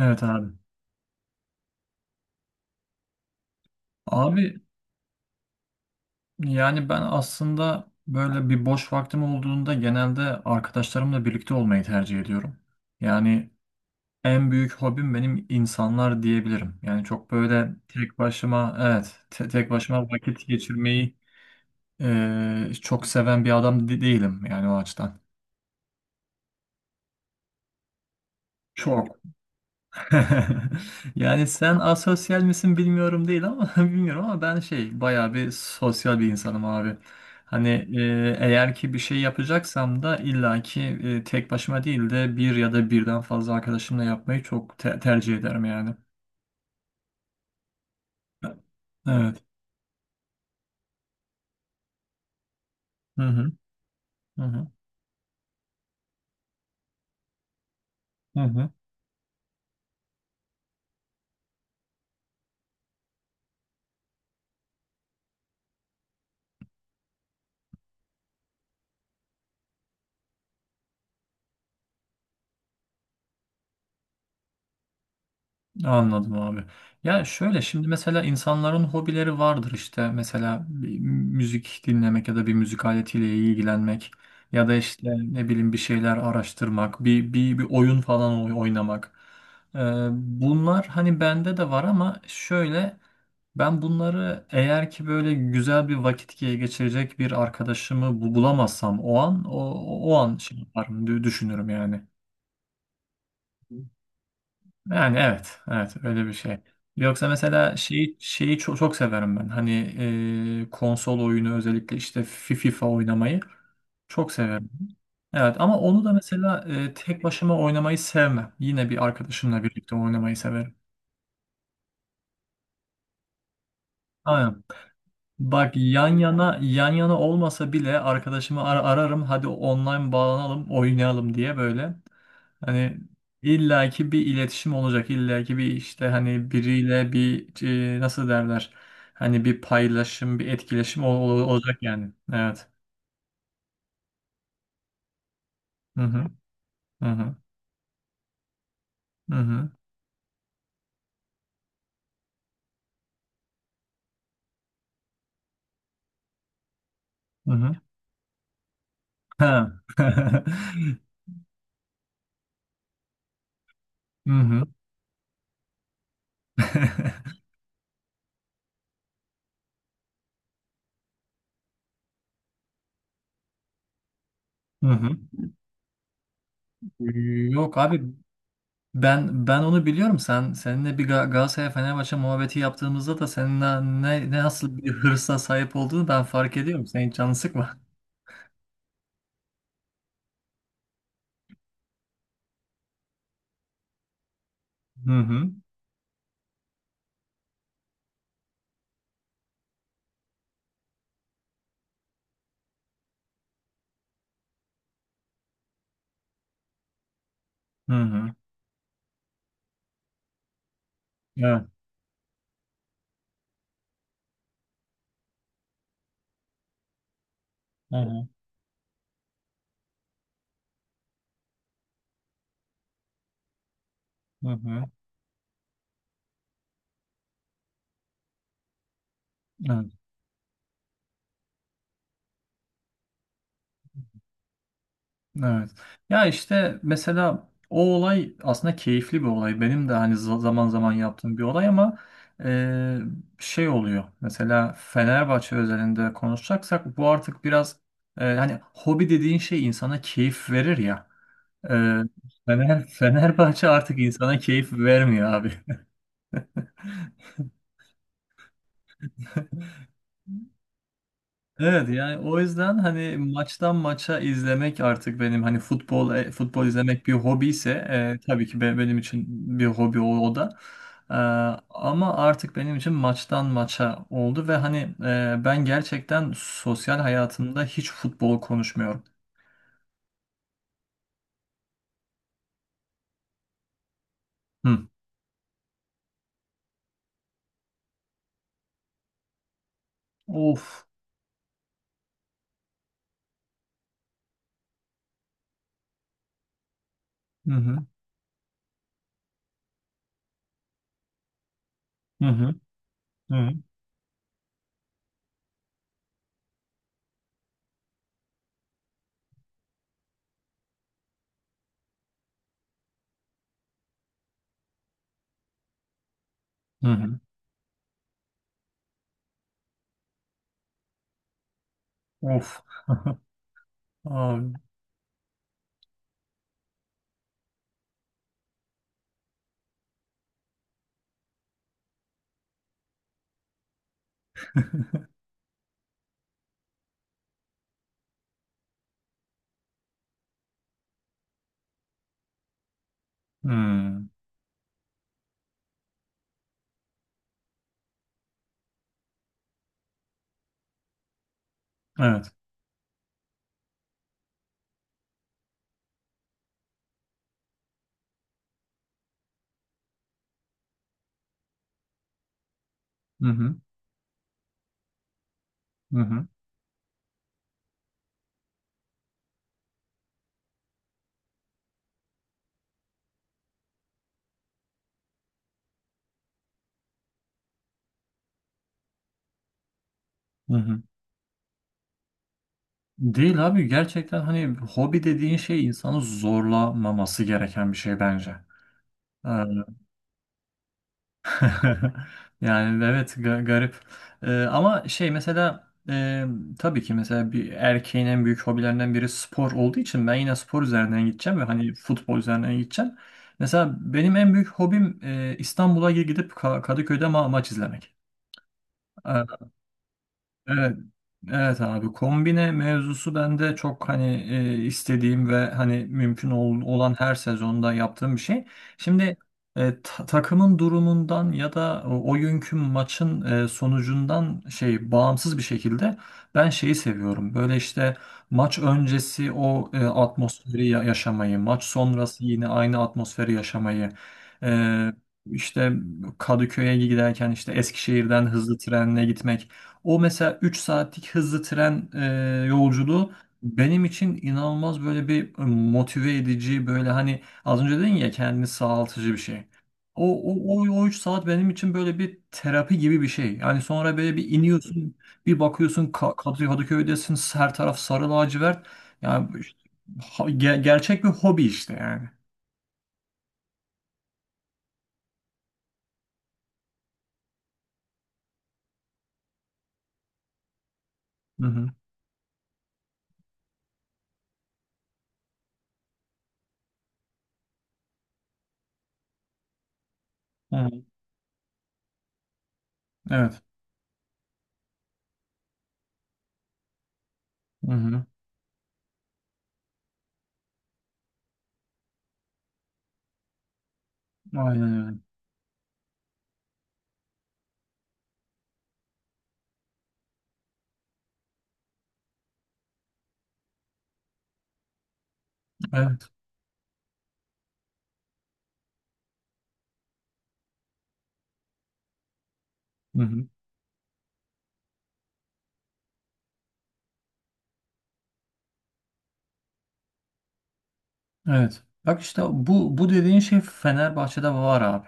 Evet abi. Abi yani ben aslında böyle bir boş vaktim olduğunda genelde arkadaşlarımla birlikte olmayı tercih ediyorum. Yani en büyük hobim benim insanlar diyebilirim. Yani çok böyle tek başıma, evet, tek başıma vakit geçirmeyi çok seven bir adam değilim yani o açıdan. Çok Yani sen asosyal misin bilmiyorum, değil ama bilmiyorum ama ben şey bayağı bir sosyal bir insanım abi. Hani eğer ki bir şey yapacaksam da illaki tek başıma değil de bir ya da birden fazla arkadaşımla yapmayı çok tercih ederim yani. Evet. Hı hı. Hı hı. Hı hı. Anladım abi. Ya şöyle, şimdi mesela insanların hobileri vardır, işte mesela bir müzik dinlemek ya da bir müzik aletiyle ilgilenmek ya da işte ne bileyim bir şeyler araştırmak, bir oyun falan oynamak. Ee, bunlar hani bende de var ama şöyle, ben bunları eğer ki böyle güzel bir vakit geçirecek bir arkadaşımı bulamazsam, o an şey yaparım, düşünürüm yani. Yani evet, evet öyle bir şey. Yoksa mesela şeyi çok, çok severim ben. Hani konsol oyunu özellikle işte FIFA oynamayı çok severim. Evet ama onu da mesela tek başıma oynamayı sevmem. Yine bir arkadaşımla birlikte oynamayı severim. Aynen. Bak yan yana, yan yana olmasa bile arkadaşımı ararım. Hadi online bağlanalım, oynayalım diye böyle. Hani illaki bir iletişim olacak. İllaki bir işte, hani biriyle bir nasıl derler? Hani bir paylaşım, bir etkileşim olacak yani. Evet. Hı hı. Hı hı. Hı hı. Hı hı. Ha. Hı hı. Hı hı. Yok abi, ben onu biliyorum. Sen, seninle bir Galatasaray Fenerbahçe muhabbeti yaptığımızda da senin na- ne, ne nasıl bir hırsa sahip olduğunu ben fark ediyorum. Sen hiç canını sıkma. Hı hı. Hı hı. Evet. Hı hı. Hı hı. Evet, evet. Ya işte mesela o olay aslında keyifli bir olay. Benim de hani zaman zaman yaptığım bir olay ama e, şey oluyor. Mesela Fenerbahçe özelinde konuşacaksak, bu artık biraz hani hobi dediğin şey insana keyif verir ya. E, Fenerbahçe artık insana keyif vermiyor abi. Evet, yani o yüzden hani maçtan maça izlemek artık benim, hani futbol, futbol izlemek bir hobi ise tabii ki benim için bir hobi o da. E, ama artık benim için maçtan maça oldu ve hani ben gerçekten sosyal hayatımda hiç futbol konuşmuyorum. Hı. Of. Hı hı. Hı hı. Hı hı. Hı hı. Of. Abi. Hmm. Evet. Hı hı. Hı hı. Hı hı. Değil abi, gerçekten hani hobi dediğin şey insanı zorlamaması gereken bir şey bence. Ee, Yani evet, garip. Ama şey, mesela tabii ki mesela bir erkeğin en büyük hobilerinden biri spor olduğu için ben yine spor üzerinden gideceğim ve hani futbol üzerinden gideceğim. Mesela benim en büyük hobim İstanbul'a gidip Kadıköy'de maç izlemek. Ee, Evet, evet abi, kombine mevzusu bende çok hani istediğim ve hani mümkün olan her sezonda yaptığım bir şey. Şimdi takımın durumundan ya da o, günkü maçın sonucundan şey bağımsız bir şekilde ben şeyi seviyorum. Böyle işte maç öncesi o atmosferi yaşamayı, maç sonrası yine aynı atmosferi yaşamayı. E, işte Kadıköy'e giderken işte Eskişehir'den hızlı trenle gitmek. O mesela 3 saatlik hızlı tren yolculuğu benim için inanılmaz, böyle bir motive edici, böyle hani az önce dedin ya, kendini sağaltıcı bir şey. O, o 3 saat benim için böyle bir terapi gibi bir şey. Yani sonra böyle bir iniyorsun, bir bakıyorsun Kadıköy'desin, her taraf sarı lacivert. Yani işte, gerçek bir hobi işte yani. Hı. Hı hı. Evet. Hı hı. Aynen öyle. Evet. Hı hı. Evet. Bak işte bu dediğin şey Fenerbahçe'de var abi.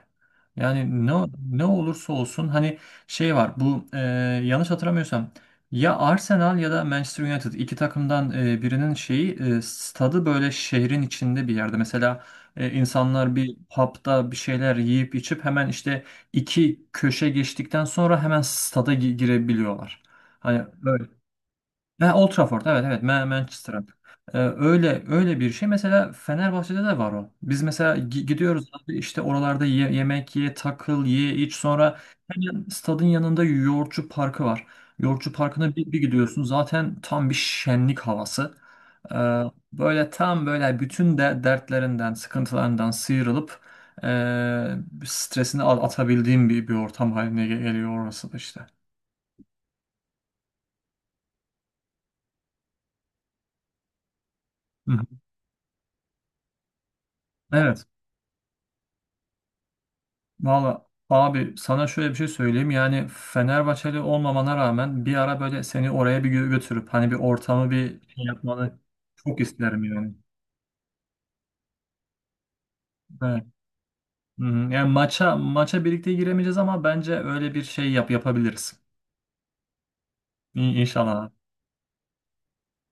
Yani ne ne olursa olsun, hani şey var, bu yanlış hatırlamıyorsam ya Arsenal ya da Manchester United, iki takımdan birinin şeyi, stadı böyle şehrin içinde bir yerde. Mesela insanlar bir pub'da bir şeyler yiyip içip hemen işte iki köşe geçtikten sonra hemen stada girebiliyorlar. Hani böyle. Ha, Old Trafford, evet, evet, Manchester. Öyle, öyle bir şey mesela Fenerbahçe'de de var o. Biz mesela gidiyoruz abi, işte oralarda yemek ye, takıl, ye, iç, sonra hemen stadın yanında Yoğurtçu Parkı var. Yoğurtçu Parkı'na bir gidiyorsun, zaten tam bir şenlik havası. Ee, böyle tam böyle bütün de dertlerinden, sıkıntılarından sıyrılıp e, stresini atabildiğin bir ortam haline geliyor orası da işte. Hı hı. Evet. Valla abi, sana şöyle bir şey söyleyeyim. Yani Fenerbahçeli olmamana rağmen bir ara böyle seni oraya bir götürüp hani bir ortamı bir şey yapmanı çok isterim yani. Evet. Hı hı. Yani maça birlikte giremeyeceğiz ama bence öyle bir şey yapabiliriz. İnşallah.